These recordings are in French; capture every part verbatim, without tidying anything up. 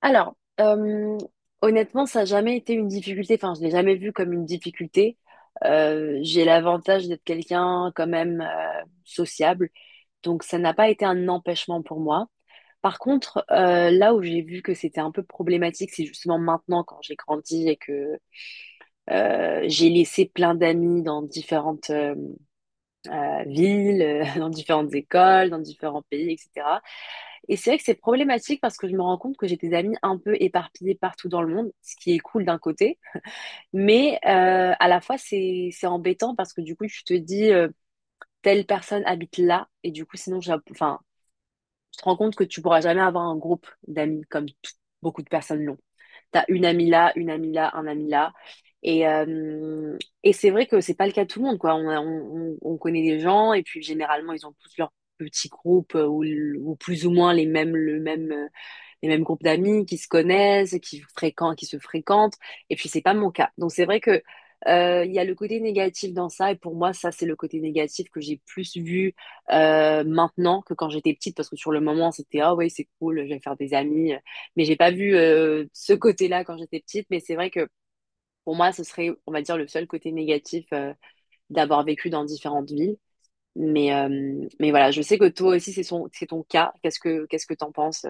Alors, euh, honnêtement, ça n'a jamais été une difficulté. Enfin, je l'ai jamais vu comme une difficulté. Euh, j'ai l'avantage d'être quelqu'un quand même euh, sociable, donc ça n'a pas été un empêchement pour moi. Par contre, euh, là où j'ai vu que c'était un peu problématique, c'est justement maintenant quand j'ai grandi et que euh, j'ai laissé plein d'amis dans différentes euh, euh, villes, dans différentes écoles, dans différents pays, et cetera. Et c'est vrai que c'est problématique parce que je me rends compte que j'ai des amis un peu éparpillés partout dans le monde, ce qui est cool d'un côté, mais euh, à la fois c'est c'est embêtant parce que du coup tu te dis euh, telle personne habite là et du coup sinon j'ai- enfin tu te rends compte que tu pourras jamais avoir un groupe d'amis comme tout- beaucoup de personnes l'ont. T'as une amie là, une amie là, un ami là. Et, euh, et c'est vrai que c'est pas le cas de tout le monde, quoi. On, a- on, on on connaît des gens et puis généralement ils ont tous leur petit groupe euh, ou, l- ou plus ou moins les mêmes, le même euh, les mêmes groupes d'amis qui se connaissent, qui fréquentent, qui se fréquentent. Et puis c'est pas mon cas. Donc c'est vrai que euh, il y a le côté négatif dans ça. Et pour moi, ça c'est le côté négatif que j'ai plus vu euh, maintenant que quand j'étais petite, parce que sur le moment c'était ah ouais c'est cool, je vais faire des amis. Mais j'ai pas vu euh, ce côté-là quand j'étais petite. Mais c'est vrai que pour moi, ce serait, on va dire, le seul côté négatif euh, d'avoir vécu dans différentes villes. Mais, euh, mais voilà, je sais que toi aussi, c'est son, c'est ton cas. Qu'est-ce que, qu'est-ce que t'en penses?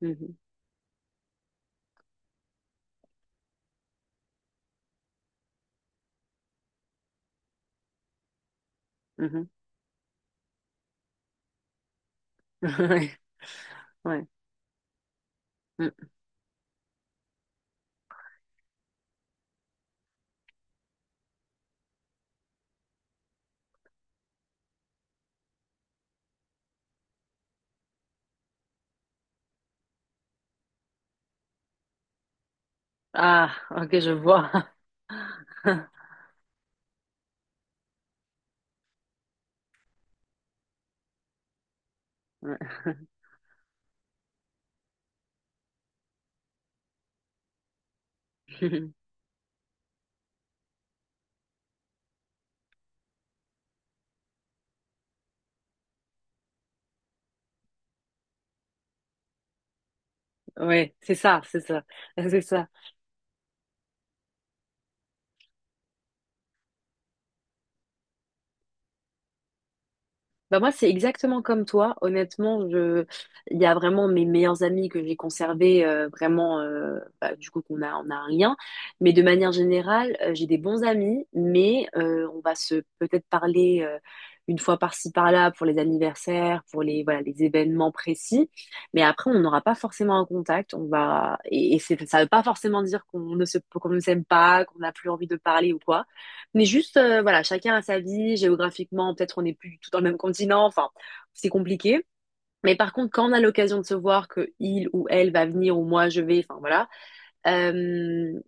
Mhm, mhm. Ouais. Mm. Ah, ok, je vois. Ouais. Ouais, c'est ça, c'est ça, c'est ça. Bah moi, c'est exactement comme toi. Honnêtement, je... il y a vraiment mes meilleurs amis que j'ai conservés, euh, vraiment, euh, bah, du coup, qu'on a, on a un lien. Mais de manière générale, euh, j'ai des bons amis, mais euh, on va se peut-être parler euh, une fois par-ci, par-là pour les anniversaires, pour les, voilà, les événements précis. Mais après, on n'aura pas forcément un contact. On va... Et, et c'est- Ça ne veut pas forcément dire qu'on ne se, qu'on ne s'aime pas, qu'on n'a plus envie de parler ou quoi. Mais juste, euh, voilà, chacun a sa vie, géographiquement, peut-être on n'est plus du tout dans le même continent, enfin, c'est compliqué. Mais par contre, quand on a l'occasion de se voir que il ou elle va venir ou moi je vais, enfin voilà, euh,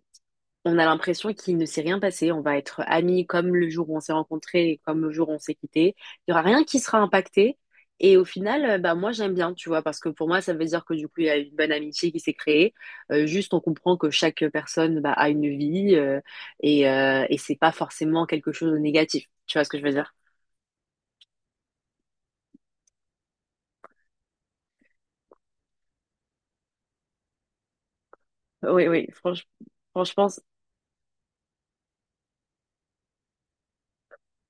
on a l'impression qu'il ne s'est rien passé. On va être amis comme le jour où on s'est rencontrés et comme le jour où on s'est quittés. Il y aura rien qui sera impacté. Et au final, euh, bah, moi, j'aime bien, tu vois, parce que pour moi, ça veut dire que du coup, il y a une bonne amitié qui s'est créée. Euh, juste, on comprend que chaque personne bah, a une vie euh, et, euh, et c'est pas forcément quelque chose de négatif. Tu vois ce que je veux dire? Oui, oui, franch- franchement.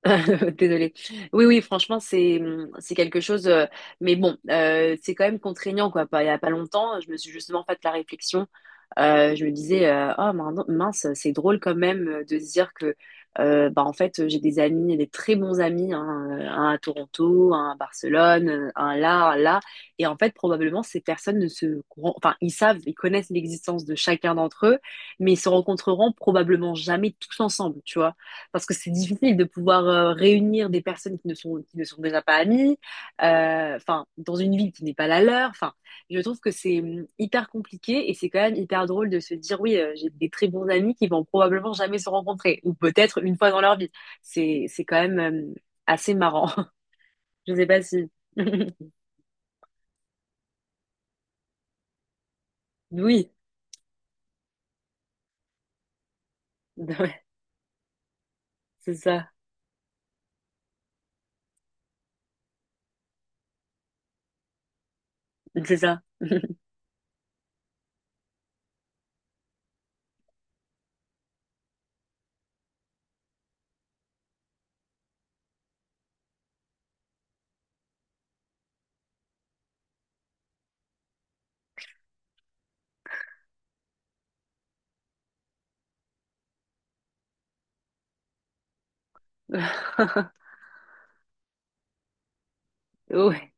Désolée. Oui, oui, franchement, c'est c'est quelque chose. euh, mais bon, euh, c'est quand même contraignant, quoi. Pas- Il y a pas longtemps, je me suis justement fait la réflexion. Euh, je me disais, euh, oh min- mince, c'est drôle quand même euh, de se dire que, euh, bah, en fait, j'ai des amis, des très bons amis, hein, euh, un à Toronto, un à Barcelone, euh, un là, un là. Et en fait, probablement, ces personnes ne se, courant- enfin, ils savent, ils connaissent l'existence de chacun d'entre eux, mais ils se rencontreront probablement jamais tous ensemble, tu vois parce que c'est difficile de pouvoir euh, réunir des personnes qui ne sont qui ne sont déjà pas amies, euh, enfin dans une ville qui n'est pas la leur. Enfin, je trouve que c'est hum, hyper compliqué et c'est quand même hyper drôle de se dire oui, euh, j'ai des très bons amis qui vont probablement jamais se rencontrer ou peut-être une fois dans leur vie. C'est c'est quand même hum, assez marrant. Je sais pas si. Oui. Ouais, c'est ça, c'est ça. Ouais.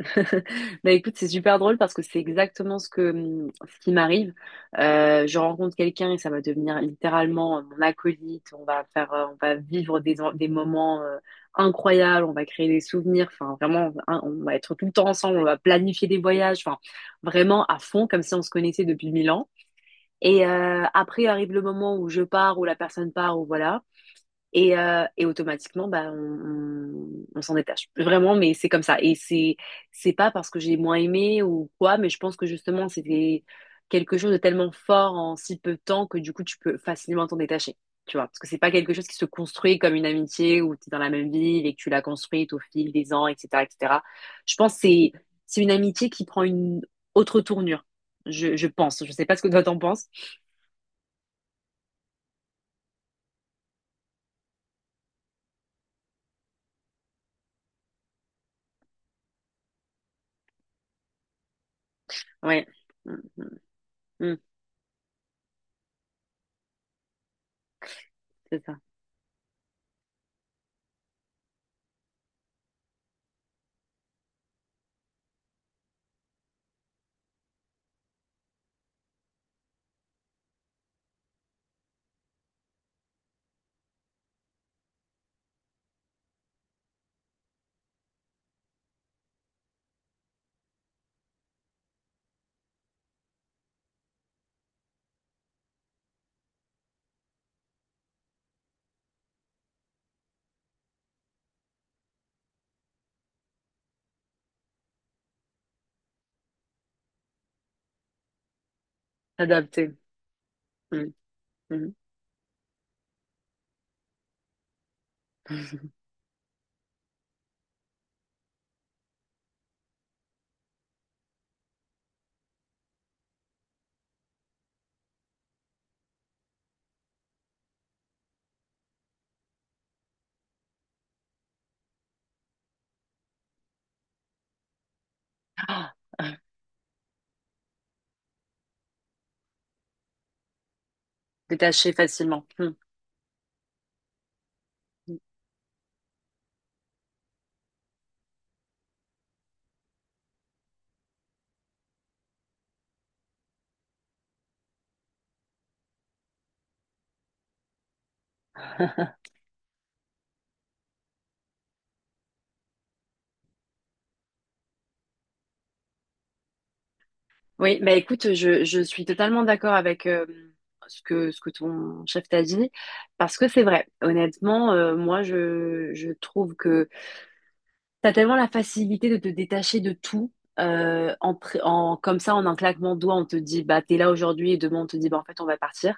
Bah écoute, c'est super drôle parce que c'est exactement ce que hum, ce qui m'arrive. Euh, je rencontre quelqu'un et ça va devenir littéralement euh, mon acolyte. On va faire, euh, on va vivre des, en- des moments euh, incroyables. On va créer des souvenirs. Enfin, vraiment, hein, on va être tout le temps ensemble. On va planifier des voyages. Enfin, vraiment à fond, comme si on se connaissait depuis mille ans. Et euh, après arrive le moment où je pars, où la personne part, ou voilà. Et, euh, et automatiquement, bah, on, on- on s'en détache. Vraiment, mais c'est comme ça. Et c'est, c'est pas parce que j'ai moins aimé ou quoi, mais je pense que justement, c'était quelque chose de tellement fort en si peu de temps que du coup, tu peux facilement t'en détacher. Tu vois, parce que c'est pas quelque chose qui se construit comme une amitié où tu es dans la même ville et que tu l'as construite au fil des ans, et cetera, et cetera. Je pense que c'est, c'est une amitié qui prend une autre tournure. Je, je pense. Je sais pas ce que toi t'en penses. Ouais. Mm, mm, mm, c'est ça. S'adapter. Mm, mm. Ah, détacher facilement. Hmm. Oui, bah écoute, je, je suis totalement d'accord avec euh, ce que, ce que ton chef t'a dit, parce que c'est vrai. Honnêtement, euh, moi, je, je trouve que t'as tellement la facilité de te détacher de tout. euh, en, pré- en- comme ça, en un claquement de doigts, on te dit, bah, t'es là aujourd'hui, et demain, on te dit, bah, en fait, on va partir.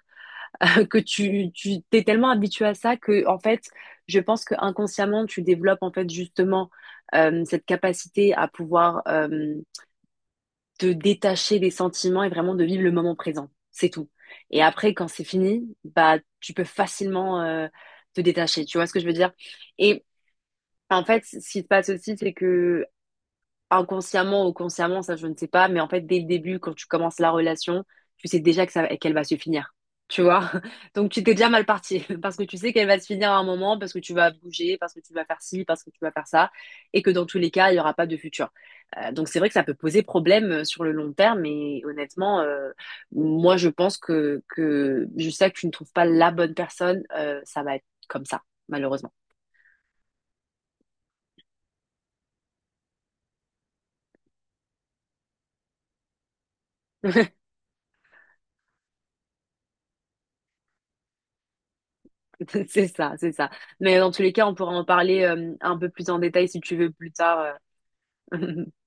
que tu, tu t'es tellement habitué à ça que, en fait, je pense que inconsciemment, tu développes, en fait, justement, euh, cette capacité à pouvoir euh, te détacher des sentiments et vraiment de vivre le moment présent. C'est tout. Et après, quand c'est fini, bah, tu peux facilement euh, te détacher. Tu vois ce que je veux dire? Et en fait, ce qui se passe aussi, c'est que inconsciemment ou consciemment, ça je ne sais pas, mais en fait dès le début, quand tu commences la relation, tu sais déjà que ça, qu'elle va se finir, tu vois. Donc tu t'es déjà mal parti parce que tu sais qu'elle va se finir à un moment, parce que tu vas bouger, parce que tu vas faire ci, parce que tu vas faire ça, et que dans tous les cas, il n'y aura pas de futur. Euh, donc c'est vrai que ça peut poser problème euh, sur le long terme, mais honnêtement, euh, moi je pense que, que jusqu'à que tu ne trouves pas la bonne personne, euh, ça va être comme ça, malheureusement. C'est ça, c'est ça. Mais dans tous les cas, on pourra en parler euh, un peu plus en détail si tu veux plus tard. euh.